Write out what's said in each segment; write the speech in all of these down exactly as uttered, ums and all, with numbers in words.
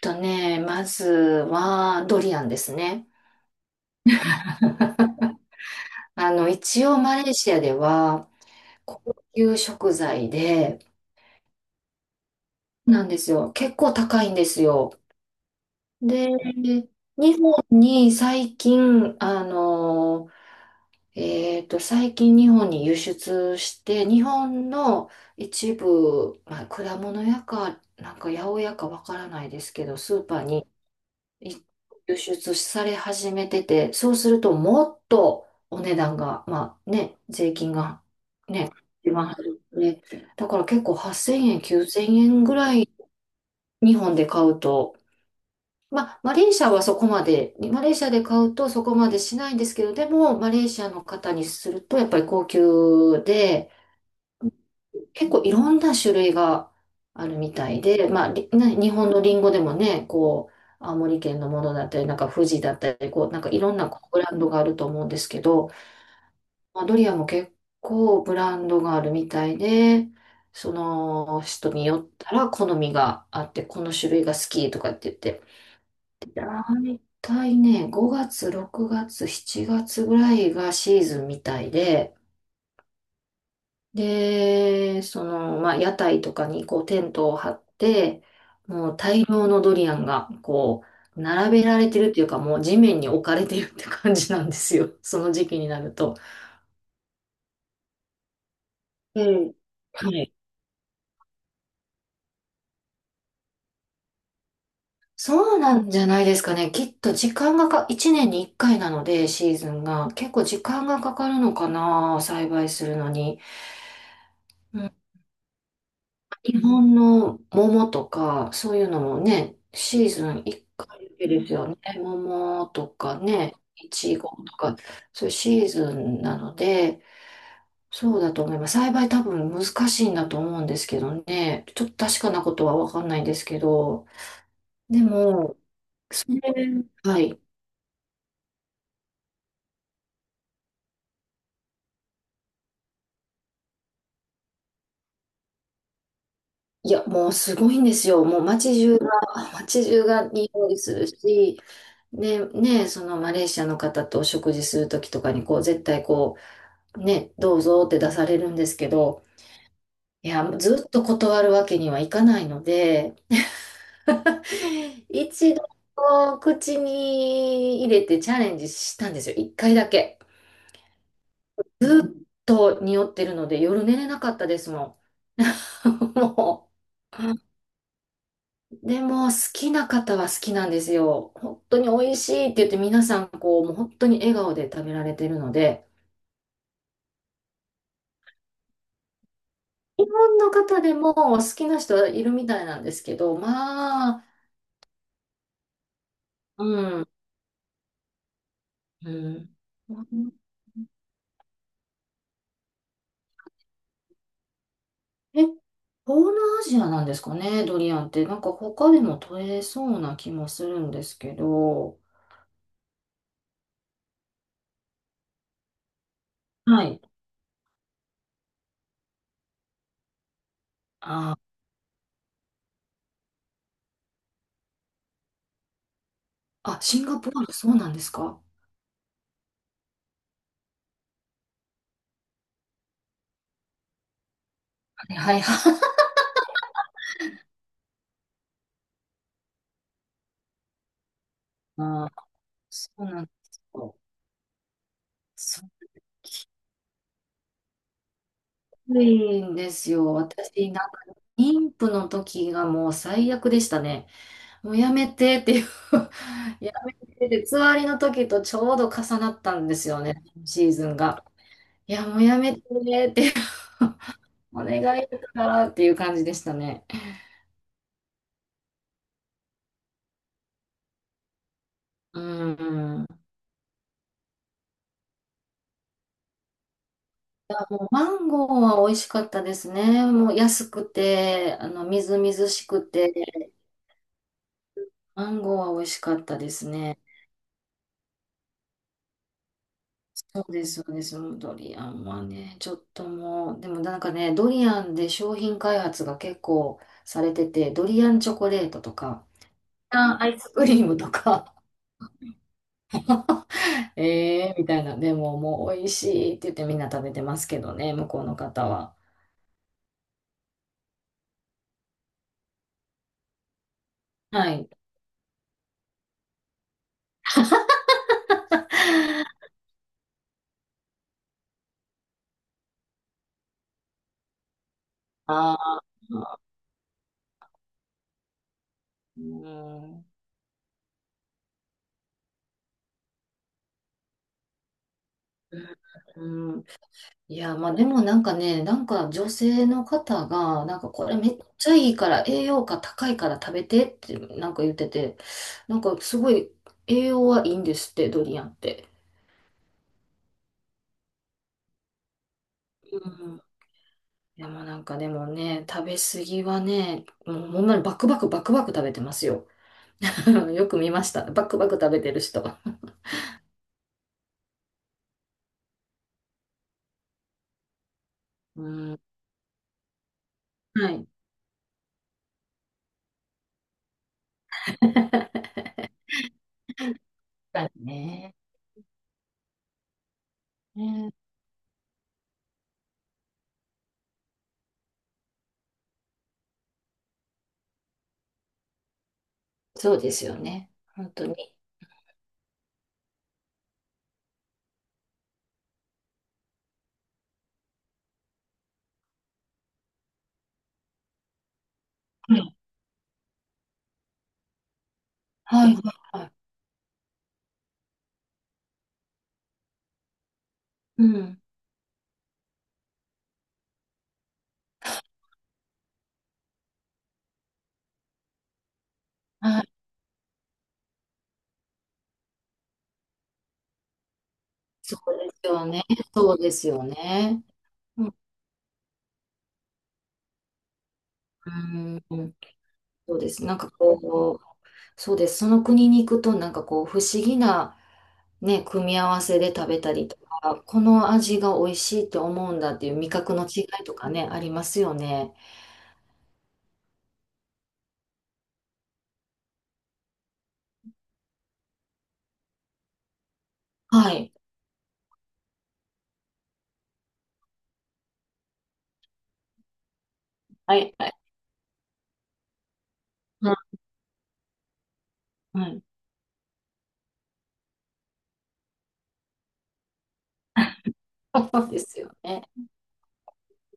とね、まずはドリアンですね。あの、一応マレーシアでは高級食材で、なんですよ。結構高いんですよ。で、日本に最近、あの、えっと、最近日本に輸出して、日本の一部、まあ、果物屋か、なんか八百屋かわからないですけど、スーパーにい輸出され始めてて、そうするともっとお値段が、まあね、税金がね、一番入るので、だから結構はっせんえん、きゅうせんえんぐらい日本で買うと、まあマレーシアはそこまで、マレーシアで買うとそこまでしないんですけど、でもマレーシアの方にするとやっぱり高級で、結構いろんな種類があるみたいで、まあ、りね、日本のリンゴでもね、こう、青森県のものだったり、なんか富士だったり、こう、なんかいろんなこうブランドがあると思うんですけど、まあ、ドリアンも結構ブランドがあるみたいで、その人によったら好みがあって、この種類が好きとかって言って、大体ね、ごがつ、ろくがつ、しちがつぐらいがシーズンみたいで、で、その、まあ、屋台とかにこうテントを張って、もう大量のドリアンがこう、並べられてるっていうか、もう地面に置かれてるって感じなんですよ。その時期になると。うん、はい。そうなんじゃないですかね。きっと時間がか、いちねんにいっかいなので、シーズンが。結構時間がかかるのかな、栽培するのに。う、日本の桃とか、そういうのもね、シーズンいっかいだけですよね。桃とかね、いちごとか、そういうシーズンなので、そうだと思います。栽培多分難しいんだと思うんですけどね。ちょっと確かなことはわかんないんですけど。でも、うん、はい。いや、もうすごいんですよ。もう街中が、街中が匂いするし、ね、ね、そのマレーシアの方とお食事するときとかに、こう、絶対こう、ね、どうぞって出されるんですけど、いや、ずっと断るわけにはいかないので、一度口に入れてチャレンジしたんですよ。一回だけ。ずっと匂ってるので夜寝れなかったですもん。もう。でも好きな方は好きなんですよ。本当に美味しいって言って皆さんこう、もう本当に笑顔で食べられてるので、日本の方でも好きな人はいるみたいなんですけど、まあ、うん。へえ、うん、え、東南アジアなんですかね、ドリアンって。なんか他でも取れそうな気もするんですけど。はい。あー、あ、シンガポール、そうなんですか、はい、はい、はい。あー、そうなんですよ。すごいんですよ。私、なんか、妊婦の時がもう最悪でしたね。もうやめてっていう やめてって、つわりの時とちょうど重なったんですよね、シーズンが。いや、もうやめてって。いう、これがいいからっていう感じでしたね。うん。マンゴーは美味しかったですね。もう安くて、あの、みずみずしくて、マンゴーは美味しかったですね。そうです、そうです。もうドリアンはね、ちょっともう、でもなんかね、ドリアンで商品開発が結構されてて、ドリアンチョコレートとか、ドリアンアイスクリームとか、えーみたいな、でももう美味しいって言ってみんな食べてますけどね、向こうの方は。はい。あー、うん。うん、いや、まあでもなんかね、なんか女性の方が、なんかこれめっちゃいいから、栄養価高いから食べてってなんか言ってて、なんかすごい栄養はいいんですって、ドリアンって。うん、でもなんかでもね、食べ過ぎはね、もうほんまにバクバクバクバク食べてますよ。よく見ました。バクバク食べてる人。うん。はい。だね。ね、そうですよね。本当に。はい。はい。はい、うん。はい。そうですよね。そうですよね。うん。うん。そうです。なんかこう、そうです。その国に行くと、なんかこう、不思議なね、組み合わせで食べたりとか、この味が美味しいって思うんだっていう味覚の違いとかね、ありますよね。はい。はい。はい。うん。うん、そうですよね。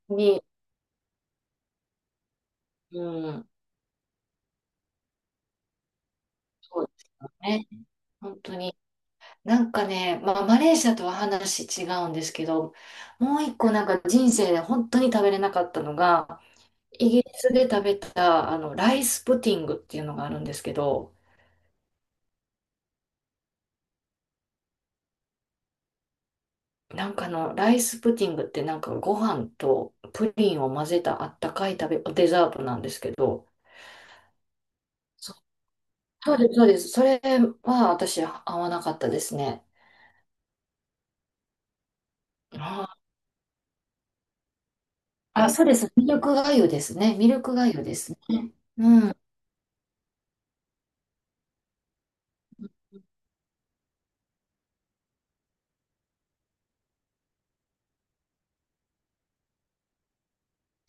に、うん。そうですね。本当に。なんかね、まあ、マレーシアとは話違うんですけど、もう一個なんか人生で本当に食べれなかったのが、イギリスで食べたあのライスプティングっていうのがあるんですけど、なんかあのライスプティングってなんかご飯とプリンを混ぜたあったかい食べ、デザートなんですけど、そ、そうです、そうです。それは私合わなかったですね。あー、あ、そうです。ミルクがゆですね。ミルクがゆですね。うん。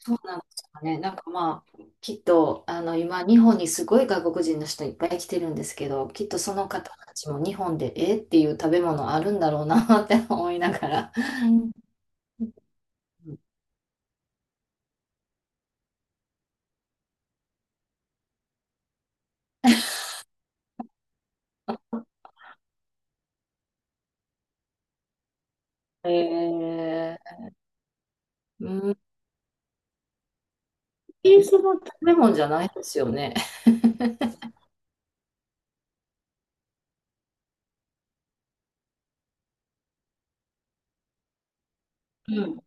そうなんですかね。なんかまあ、きっと、あの、今、日本にすごい外国人の人いっぱい来てるんですけど、きっとその方たちも日本で、えっていう食べ物あるんだろうなって思いながら。うん、えー、うん、イギリスの食べ物じゃないですよね。うん。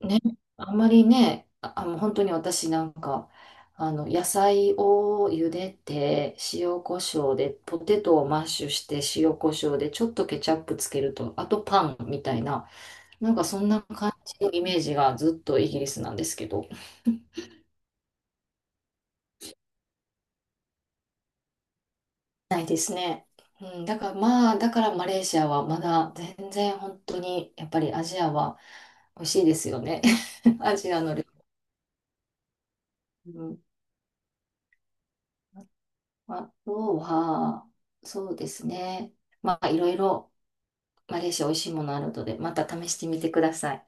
ね、あんまりね、あ、あの本当に私なんか、あの、野菜を茹でて、塩コショウで、ポテトをマッシュして、塩コショウで、ちょっとケチャップつけると、あとパンみたいな、なんかそんな感じのイメージがずっとイギリスなんですけど、ないですね。うん、だからまあ、だからマレーシアはまだ全然本当に、やっぱりアジアは美味しいですよね。アジアの料理。あとは、そうですね。まあ、いろいろ、マレーシア美味しいものあるので、また試してみてください。